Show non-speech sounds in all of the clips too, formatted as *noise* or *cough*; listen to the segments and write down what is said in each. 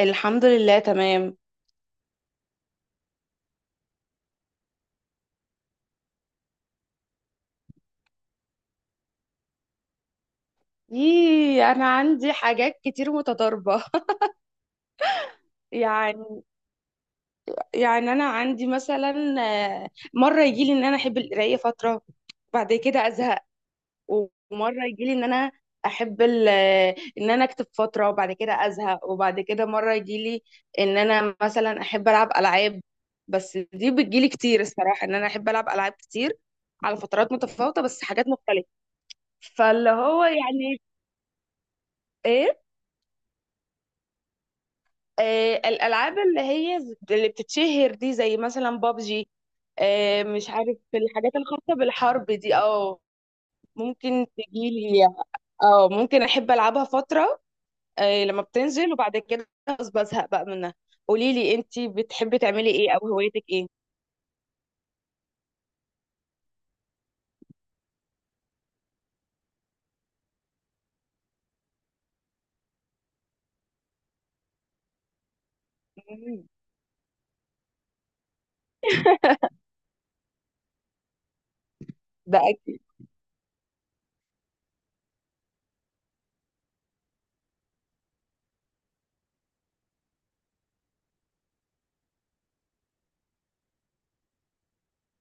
الحمد لله، تمام. ايه، انا عندي حاجات كتير متضاربه. *laughs* يعني يعني انا عندي مثلا، مره يجي لي ان انا احب القرايه فتره. بعد كده ازهق. ومره يجي لي ان انا احب ان انا اكتب فتره وبعد كده ازهق. وبعد كده مره يجي لي ان انا مثلا احب العب العاب. بس دي بتجيلي كتير، الصراحه ان انا احب العب العاب كتير على فترات متفاوته، بس حاجات مختلفه. فاللي هو يعني ايه، الالعاب اللي هي اللي بتتشهر دي، زي مثلا بابجي. مش عارف، الحاجات الخاصه بالحرب دي. اه ممكن تجيلي. اه ممكن احب العبها فتره، لما بتنزل وبعد كده خلاص بزهق بقى منها. قولي لي، انتي بتحبي تعملي ايه، او هوايتك ايه؟ مم، ده اكيد.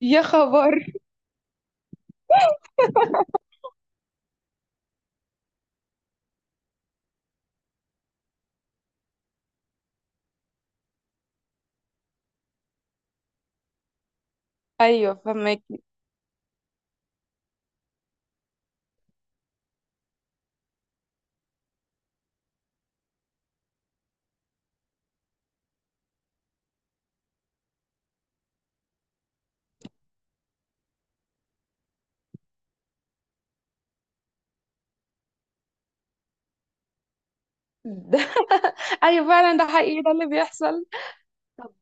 يا خبر. ايوه فهمك. ده. *laughs* ايوه فعلا، ده حقيقي، ده اللي بيحصل. طب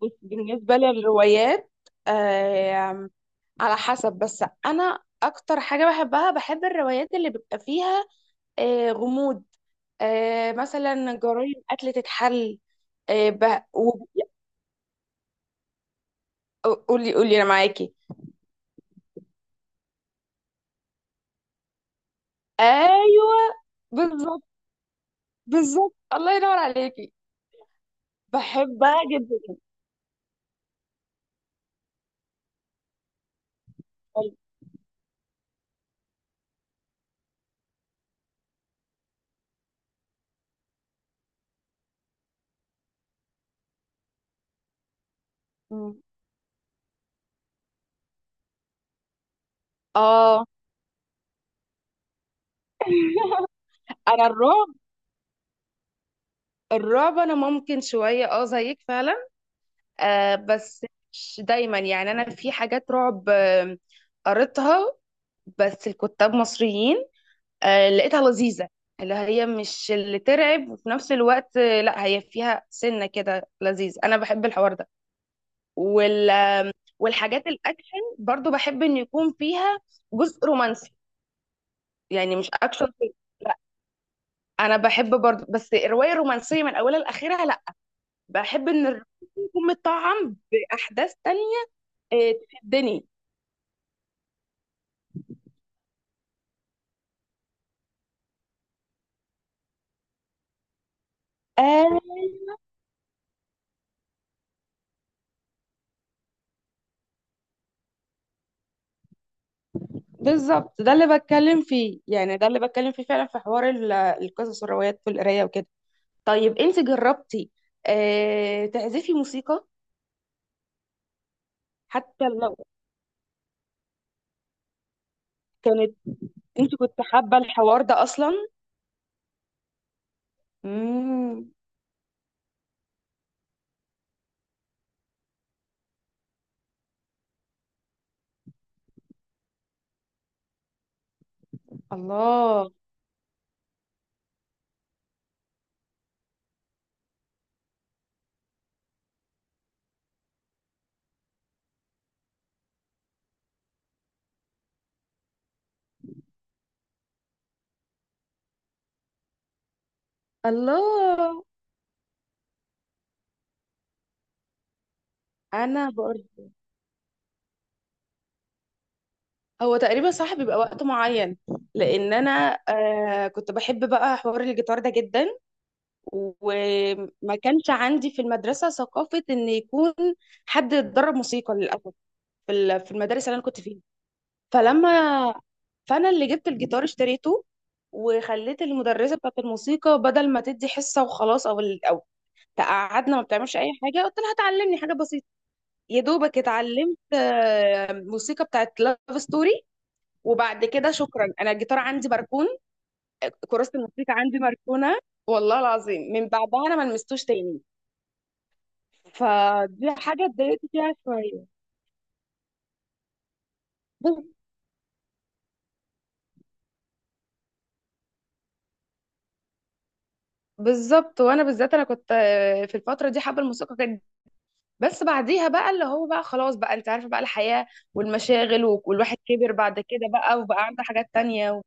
بص بالنسبه للروايات، على حسب. بس انا اكتر حاجه بحبها، بحب الروايات اللي بيبقى فيها غموض، مثلا جرايم قتل تتحل. آه، ب- و- قولي قولي، انا معاكي. ايوه، بالظبط. بالظبط، الله ينور عليكي. بحبها جدا. مم. اه، انا الرعب. الرعب انا ممكن شويه، اه زيك فعلا. بس مش دايما، يعني انا في حاجات رعب قريتها، بس الكتاب مصريين، لقيتها لذيذة. اللي هي مش اللي ترعب، وفي نفس الوقت، لا هي فيها سنة كده لذيذ، أنا بحب الحوار ده وال... والحاجات الأكشن، برضو بحب إن يكون فيها جزء رومانسي. يعني مش أكشن بس. لا، أنا بحب برضو، بس الرواية رومانسية من أولها لآخرها، لا. بحب إن الرومانسي يكون متطعم بأحداث تانية تشدني. آه، بالظبط، ده اللي بتكلم فيه، يعني ده اللي بتكلم فيه فعلا، في حوار القصص والروايات والقراية وكده. طيب، انت جربتي تعزفي موسيقى؟ حتى لو كانت. انت كنت حابة الحوار ده اصلا؟ امم. الله. الله، انا برضه. هو تقريبا صح، بيبقى وقت معين، لان انا كنت بحب بقى حوار الجيتار ده جدا. وما كانش عندي في المدرسة ثقافة ان يكون حد يتدرب موسيقى للاسف، في المدارس اللي انا كنت فيها. فلما، فانا اللي جبت الجيتار اشتريته، وخليت المدرسه بتاعت الموسيقى بدل ما تدي حصه وخلاص او تقعدنا ما بتعملش اي حاجه، قلت لها هتعلمني حاجه بسيطه. يا دوبك اتعلمت موسيقى بتاعت لاف ستوري. وبعد كده شكرا، انا الجيتار عندي مركون، كراسه الموسيقى عندي مركونه. والله العظيم من بعدها انا ما لمستوش تاني. فدي حاجه اتضايقت فيها شويه. بز- بالظبط، وانا بالذات انا كنت في الفتره دي حابه الموسيقى. بس بعديها بقى اللي هو بقى خلاص، بقى انت عارفة، بقى الحياة والمشاغل والواحد كبر بعد كده، بقى وبقى عنده حاجات تانية.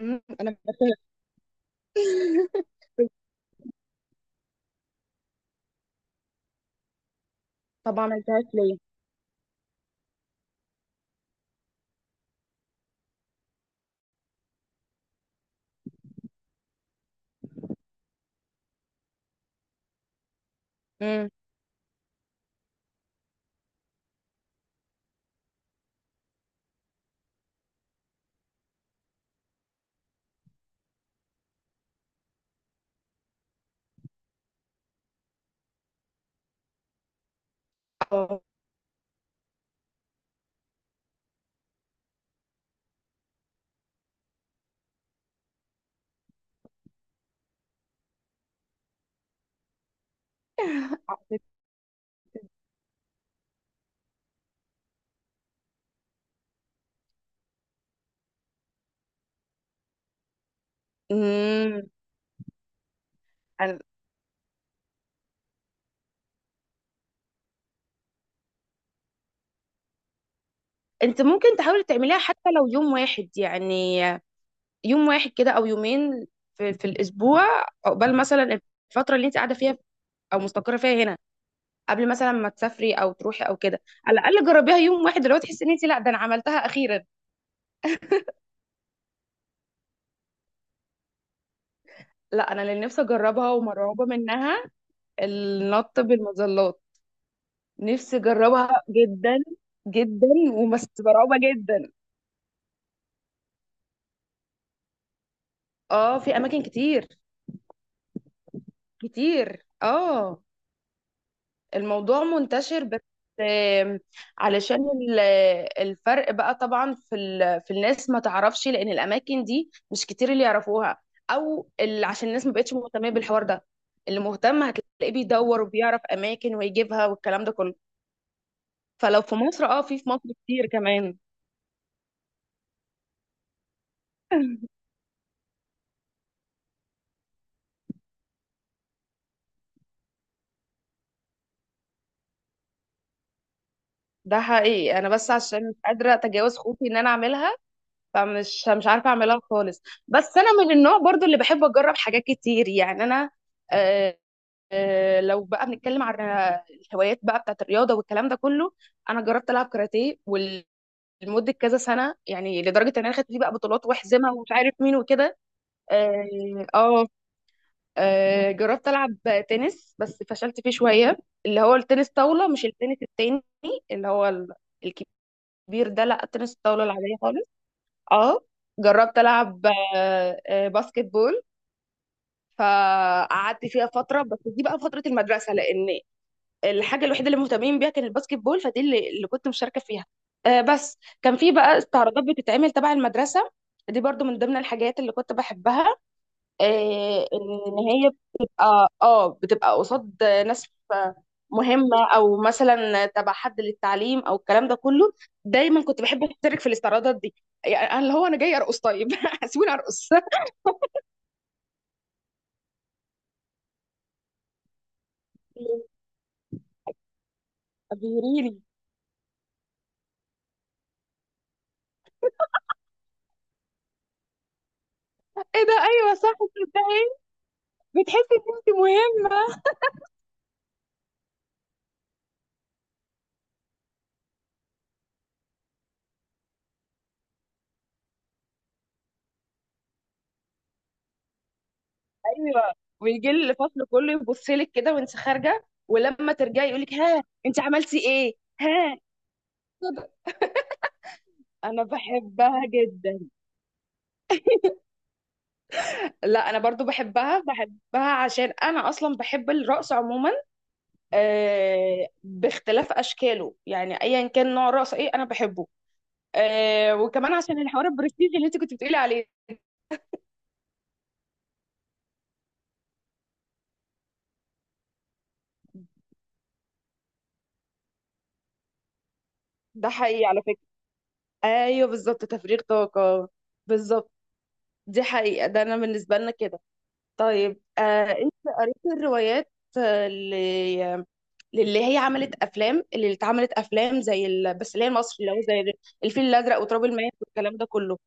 مم، انا. *laughs* طب ما عملتهاش ليه؟ امم. اه. امم. أنا- انت ممكن تحاولي تعمليها حتى لو يوم واحد، يعني يوم واحد كده او يومين في الاسبوع. قبل مثلا الفتره اللي انت قاعده فيها، او مستقره فيها هنا، قبل مثلا ما تسافري او تروحي او كده، على الاقل جربيها يوم واحد، اللي هو تحسي ان انت، لا ده انا عملتها اخيرا. لا، انا اللي نفسي اجربها ومرعوبه منها، النط بالمظلات. نفسي اجربها جدا جدا. وبس مرعوبه جدا. اه، في اماكن كتير. كتير، اه. الموضوع منتشر بس. آم، علشان ال- الفرق بقى طبعا، في الناس ما تعرفش، لان الاماكن دي مش كتير اللي يعرفوها، او اللي عشان الناس ما بقتش مهتمه بالحوار ده. اللي مهتم هتلاقيه بيدور وبيعرف اماكن ويجيبها والكلام ده كله. فلو في مصر، اه في مصر كتير كمان. *laughs* ده حقيقي، انا بس عشان مش قادره اتجاوز خوفي ان انا اعملها. فمش مش عارفه اعملها خالص. بس انا من النوع برضو اللي بحب اجرب حاجات كتير، يعني انا. آه لو بقى بنتكلم عن الهوايات بقى بتاعت الرياضه والكلام ده كله، انا جربت العب كاراتيه لمده كذا سنه، يعني لدرجه ان انا خدت فيه بقى بطولات واحزمها ومش عارف مين وكده. اه. آه، جربت ألعب تنس، بس فشلت فيه شوية. اللي هو التنس طاولة، مش التنس التاني اللي هو الكبير. ده لا، التنس الطاولة العادية خالص. اه، جربت ألعب باسكت بول. فقعدت فيها فترة، بس دي بقى فترة المدرسة، لأن الحاجة الوحيدة اللي مهتمين بيها كان الباسكت بول. فدي اللي كنت مشاركة فيها. بس كان في بقى استعراضات بتتعمل تبع المدرسة. دي برضو من ضمن الحاجات اللي كنت بحبها، ان هي بتبقى قصاد ناس مهمه، او مثلا تبع حد للتعليم، او الكلام ده كله. دايما كنت بحب اشترك في الاستعراضات دي. يعني أنا اللي هو انا جاي ارقص، طيب *laughs* سيبوني ارقص. ابهريني. ايه ده، ايوه صح، تصدقي بتحسي ان انت مهمه. ايوه. ويجي لي الفصل كله يبص لك كده وانت خارجه، ولما ترجعي يقول لك، ها انت عملتي ايه. ها. كده. انا بحبها جدا. لا، انا برضو بحبها، بحبها عشان انا اصلا بحب الرقص عموما، باختلاف اشكاله، يعني ايا كان نوع الرقص ايه انا بحبه. وكمان عشان الحوار البرستيجي اللي انت كنت بتقولي عليه. ده حقيقي على فكرة. ايوه بالظبط، تفريغ طاقة. بالظبط. دي حقيقة، ده انا بالنسبة لنا كده. طيب انت قريتي الروايات آه، ل- للي هي عملت افلام، اللي اتعملت افلام زي بس اللي هي مصر، اللي هو زي الفيل الازرق وتراب الماس والكلام ده كله؟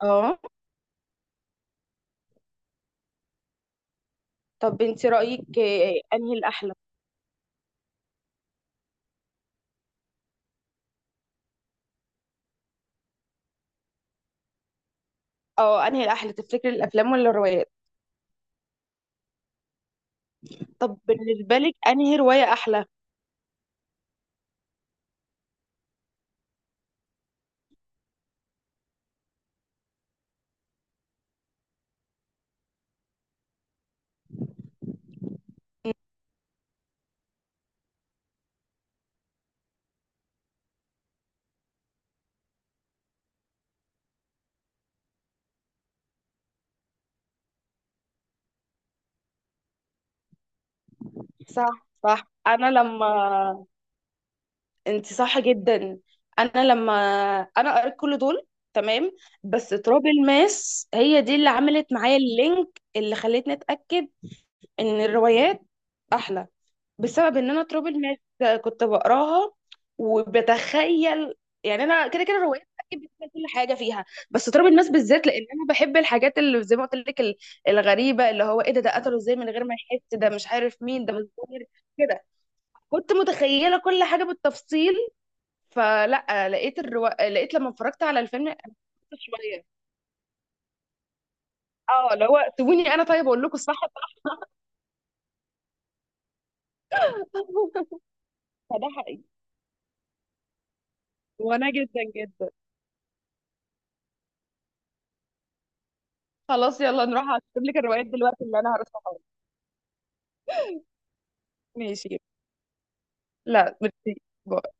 اه. طب انت رأيك انهي الأحلى؟ اه، انهي الأحلى تفتكري، الأفلام ولا الروايات؟ طب بالنسبة لك انهي رواية أحلى؟ صح صح، انا لما. انت صح جدا. انا لما. انا قريت كل دول. تمام. بس تراب الماس هي دي اللي عملت معايا اللينك، اللي خلتني اتأكد ان الروايات أحلى، بسبب ان انا تراب الماس كنت بقراها وبتخيل. يعني انا كده كده روايات اكيد بتخيل كل حاجه فيها، بس تراب الماس بالذات، لان انا بحب الحاجات اللي زي ما قلت لك، الغريبه اللي هو ايه ده قتله ازاي من غير ما يحس، ده مش عارف مين، ده متغير كده. كنت متخيله كل حاجه بالتفصيل. فلا، لقيت لما اتفرجت على الفيلم أنا خفت شويه. اه اللي هو، سيبوني انا طيب، اقول لكم الصح. *laughs* فده حقيقي، وانا جدا جدا. خلاص يلا، نروح اكتب لك الروايات دلوقتي اللي انا هرسمها. ماشي. لا ميرسي. باي.